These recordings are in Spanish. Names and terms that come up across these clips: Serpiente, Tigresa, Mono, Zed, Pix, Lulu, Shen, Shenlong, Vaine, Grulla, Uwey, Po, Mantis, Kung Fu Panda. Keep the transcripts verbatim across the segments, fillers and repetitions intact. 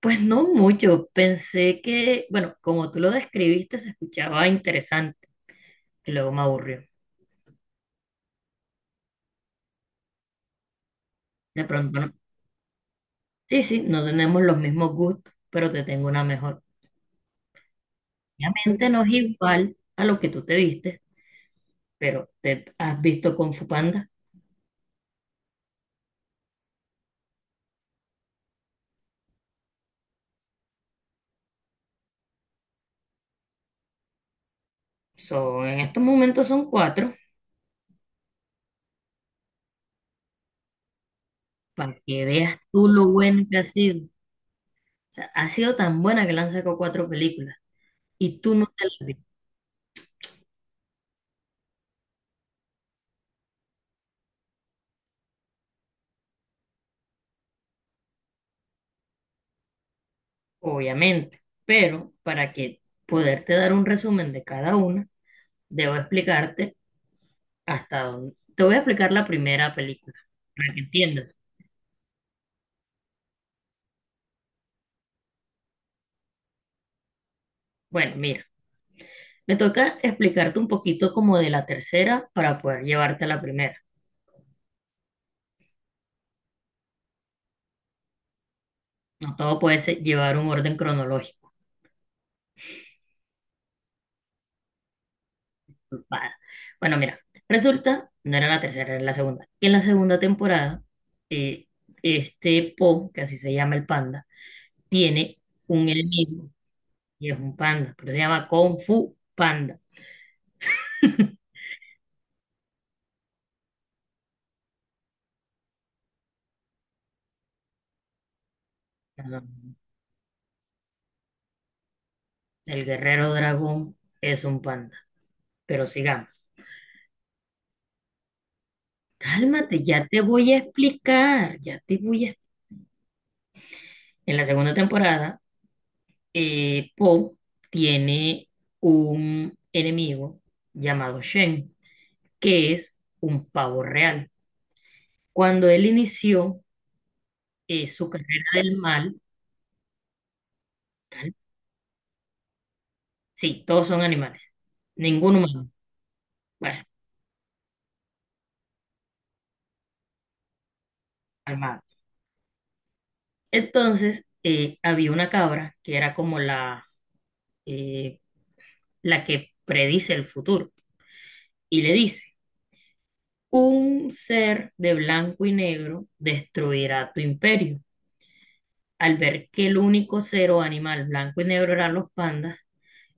Pues no mucho, pensé que, bueno, como tú lo describiste, se escuchaba interesante y luego me aburrió. De pronto, no. Sí, sí, no tenemos los mismos gustos, pero te tengo una mejor. Obviamente no es igual a lo que tú te viste, pero te has visto con Fupanda. So, en estos momentos son cuatro, para que veas tú lo buena que ha sido. O sea, ha sido tan buena que le han sacado cuatro películas y tú no te las viste, obviamente, pero para que poderte dar un resumen de cada una, debo explicarte hasta dónde. Te voy a explicar la primera película para que entiendas. Bueno, mira, me toca explicarte un poquito como de la tercera para poder llevarte a la primera. No todo puede ser- llevar un orden cronológico. Va. Bueno, mira, resulta, no era la tercera, era la segunda. Y en la segunda temporada, eh, este Po, que así se llama el panda, tiene un enemigo y es un panda, pero se llama Kung Fu Panda. Perdón, el guerrero dragón es un panda. Pero sigamos. Cálmate, ya te voy a explicar, ya te voy a... En la segunda temporada, eh, Poe tiene un enemigo llamado Shen, que es un pavo real. Cuando él inició eh, su carrera del mal, tal- sí, todos son animales, ningún humano, bueno, calmado. Entonces, eh, había una cabra que era como la, eh, la que predice el futuro y le dice, "Un ser de blanco y negro destruirá tu imperio". Al ver que el único ser o animal blanco y negro eran los pandas,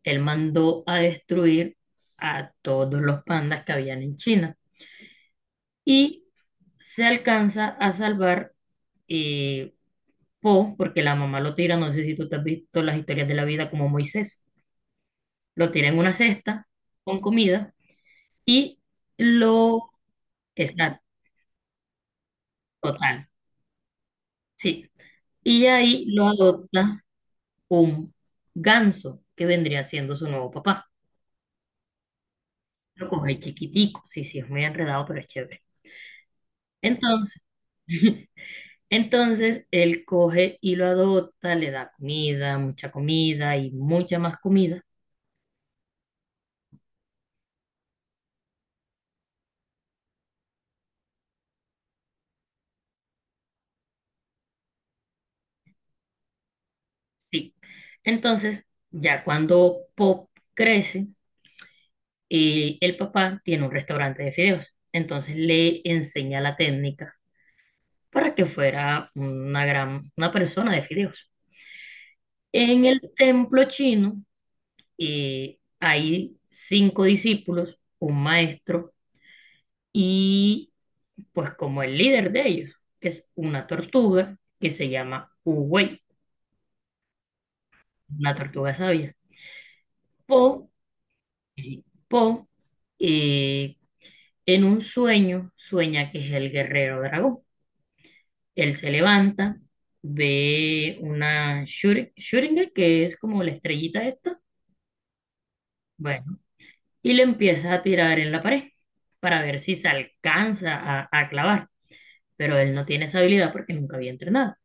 él mandó a destruir a todos los pandas que habían en China. Y se alcanza a salvar eh, Po, porque la mamá lo tira, no sé si tú te has visto las historias de la vida como Moisés, lo tira en una cesta con comida y lo... Exacto, total, sí. Y ahí lo adopta un ganso, que vendría siendo su nuevo papá. Lo coge chiquitico, sí, sí, es muy enredado, pero es chévere. Entonces, entonces él coge y lo adopta, le da comida, mucha comida y mucha más comida. Sí. Entonces, ya cuando Pop crece, eh, el papá tiene un restaurante de fideos. Entonces le enseña la técnica para que fuera una gran, una persona de fideos. En el templo chino, eh, hay cinco discípulos, un maestro y pues como el líder de ellos, que es una tortuga que se llama Uwey, una tortuga sabia. Po, eh, Po eh, en un sueño sueña que es el guerrero dragón. Él se levanta, ve una shuri- shuriken, que es como la estrellita esta, bueno, y le empieza a tirar en la pared para ver si se alcanza a a clavar. Pero él no tiene esa habilidad porque nunca había entrenado.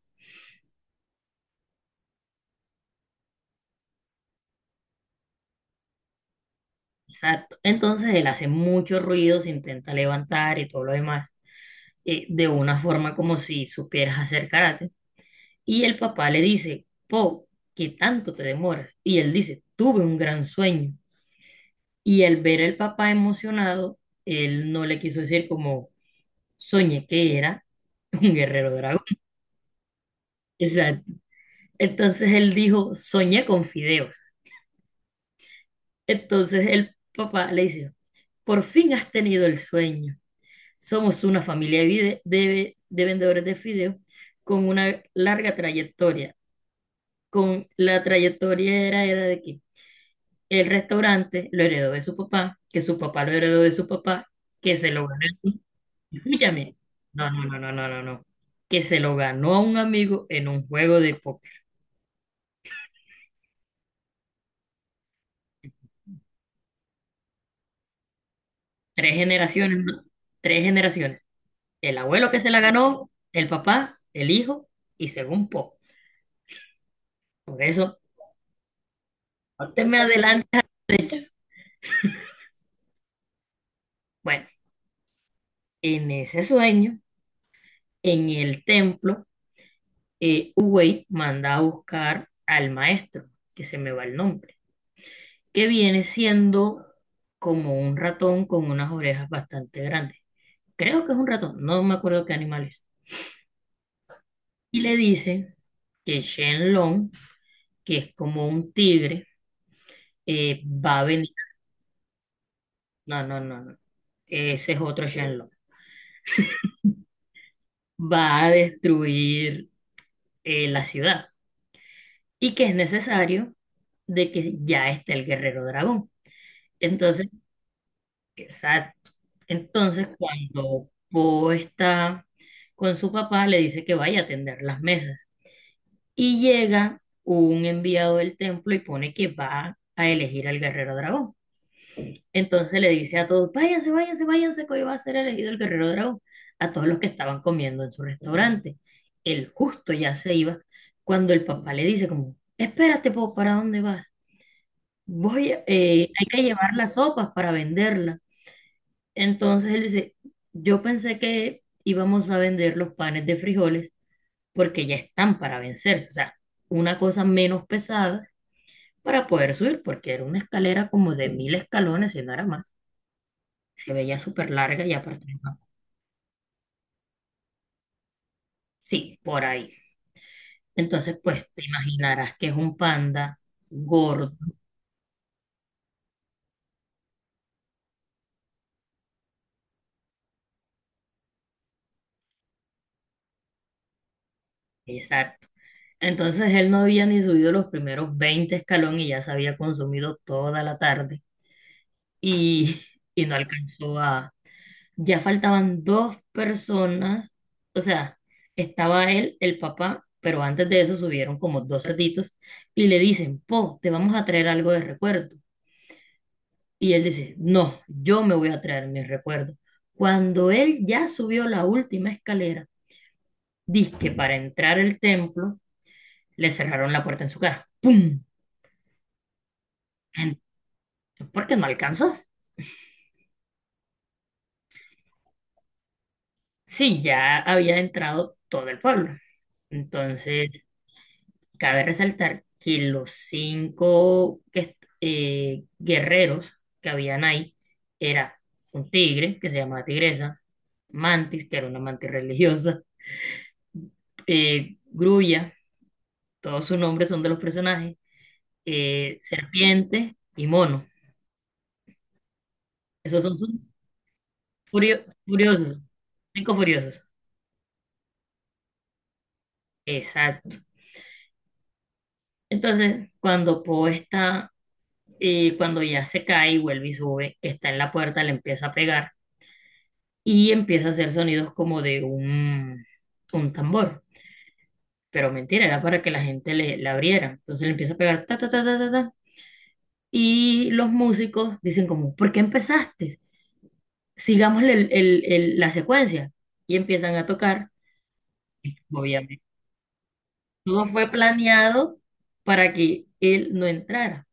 Exacto. Entonces él hace mucho ruido, se intenta levantar y todo lo demás, eh, de una forma como si supieras hacer karate. Y el papá le dice, "Po, ¿qué tanto te demoras?". Y él dice, "Tuve un gran sueño". Y al ver al papá emocionado, él no le quiso decir como "soñé que era un guerrero dragón". Exacto. Entonces él dijo, "soñé con fideos". Entonces el papá le dice, "por fin has tenido el sueño. Somos una familia de, vide- de- de vendedores de fideos con una larga trayectoria". Con la trayectoria era, era de que el restaurante lo heredó de su papá, que su papá lo heredó de su papá, que se lo ganó. Escúchame. No, no, no, no, no, no, no. Que se lo ganó a un amigo en un juego de póker. Tres generaciones, ¿no? Tres generaciones. El abuelo que se la ganó, el papá, el hijo y según poco. Por eso, no te me adelantes. Bueno, en ese sueño, en el templo, eh, Uwey manda a buscar al maestro, que se me va el nombre, que viene siendo como un ratón con unas orejas bastante grandes. Creo que es un ratón, no me acuerdo qué animal es. Y le dice que Shenlong, que es como un tigre, eh, va a venir. No, no, no, no. Ese es otro Shenlong. Va a destruir eh, la ciudad y que es necesario de que ya esté el guerrero dragón. Entonces Exacto. Entonces, cuando Po está con su papá, le dice que vaya a atender las mesas. Y llega un enviado del templo y pone que va a elegir al guerrero dragón. Entonces le dice a todos, "váyanse, váyanse, váyanse, que hoy va a ser elegido el guerrero dragón". A todos los que estaban comiendo en su restaurante. El justo ya se iba cuando el papá le dice como, "espérate, Po, ¿para dónde vas?". Voy, a- eh, hay que llevar las sopas para venderlas. Entonces él dice, yo pensé que íbamos a vender los panes de frijoles porque ya están para vencerse, o sea, una cosa menos pesada para poder subir, porque era una escalera como de mil escalones, y no era más, se veía súper larga y aparte, no. Sí, por ahí. Entonces, pues te imaginarás que es un panda gordo, exacto. Entonces él no había ni subido los primeros veinte escalones y ya se había consumido toda la tarde y, y no alcanzó. Ya faltaban dos personas, o sea, estaba él, el papá, pero antes de eso subieron como dos cerditos y le dicen, "Po, te vamos a traer algo de recuerdo". Y él dice, "no, yo me voy a traer mis recuerdos". Cuando él ya subió la última escalera, que para entrar al templo, le cerraron la puerta en su cara. ¡Pum! Porque no alcanzó. Sí, ya había entrado todo el pueblo. Entonces, cabe resaltar que los cinco que est- eh, guerreros que habían ahí era un tigre que se llamaba Tigresa, Mantis, que era una mantis religiosa, eh, Grulla, todos sus nombres son de los personajes, eh, Serpiente y Mono. Esos son sus furio- furiosos, cinco furiosos. Exacto. Entonces, cuando Poe está, eh, cuando ya se cae y vuelve y sube, que está en la puerta, le empieza a pegar y empieza a hacer sonidos como de un, un tambor. Pero mentira, era para que la gente le, la abriera. Entonces le empieza a pegar ta, ta, ta, ta, ta, ta. Y los músicos dicen como, "¿por qué empezaste? Sigamos el- el- el- la secuencia". Y empiezan a tocar. Obviamente, todo fue planeado para que él no entrara.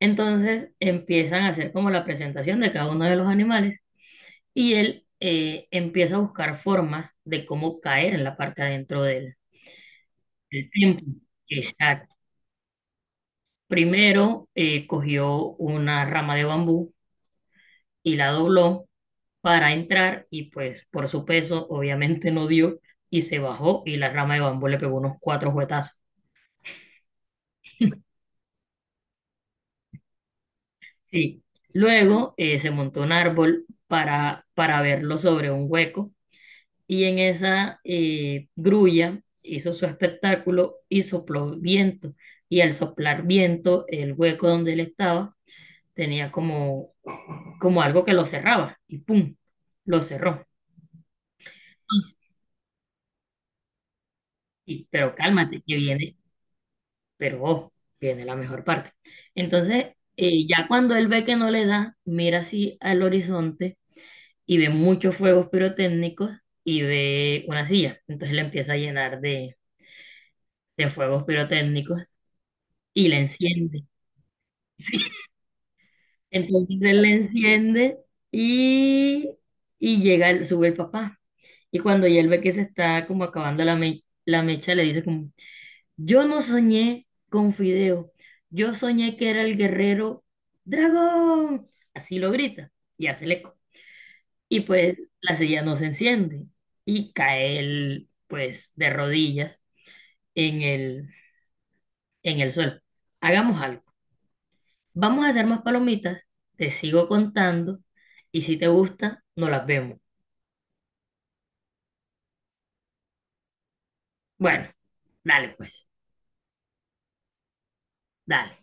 Entonces empiezan a hacer como la presentación de cada uno de los animales y él eh, empieza a buscar formas de cómo caer en la parte adentro del. El tiempo. Exacto. Primero eh, cogió una rama de bambú y la dobló para entrar y pues por su peso obviamente no dio y se bajó y la rama de bambú le pegó unos cuatro juetazos. Sí. Luego eh, se montó un árbol para, para verlo sobre un hueco y en esa eh, grulla hizo su espectáculo y sopló viento y al soplar viento el hueco donde él estaba tenía como como algo que lo cerraba y ¡pum! Lo cerró. Entonces, sí, pero cálmate, que viene, pero ojo, viene la mejor parte. Entonces, eh, ya cuando él ve que no le da, mira así al horizonte y ve muchos fuegos pirotécnicos y ve una silla. Entonces le empieza a llenar de, de fuegos pirotécnicos y la enciende. Sí. Entonces él la enciende y, y llega, el- sube el papá. Y cuando ya él ve que se está como acabando la, me- la mecha, le dice como, "yo no soñé con Fideo, yo soñé que era el guerrero dragón". Así lo grita y hace el eco. Y pues la silla no se enciende y cae él pues de rodillas en el, en el suelo. Hagamos algo. Vamos a hacer más palomitas, te sigo contando y si te gusta, no las vemos. Bueno, dale pues, dale.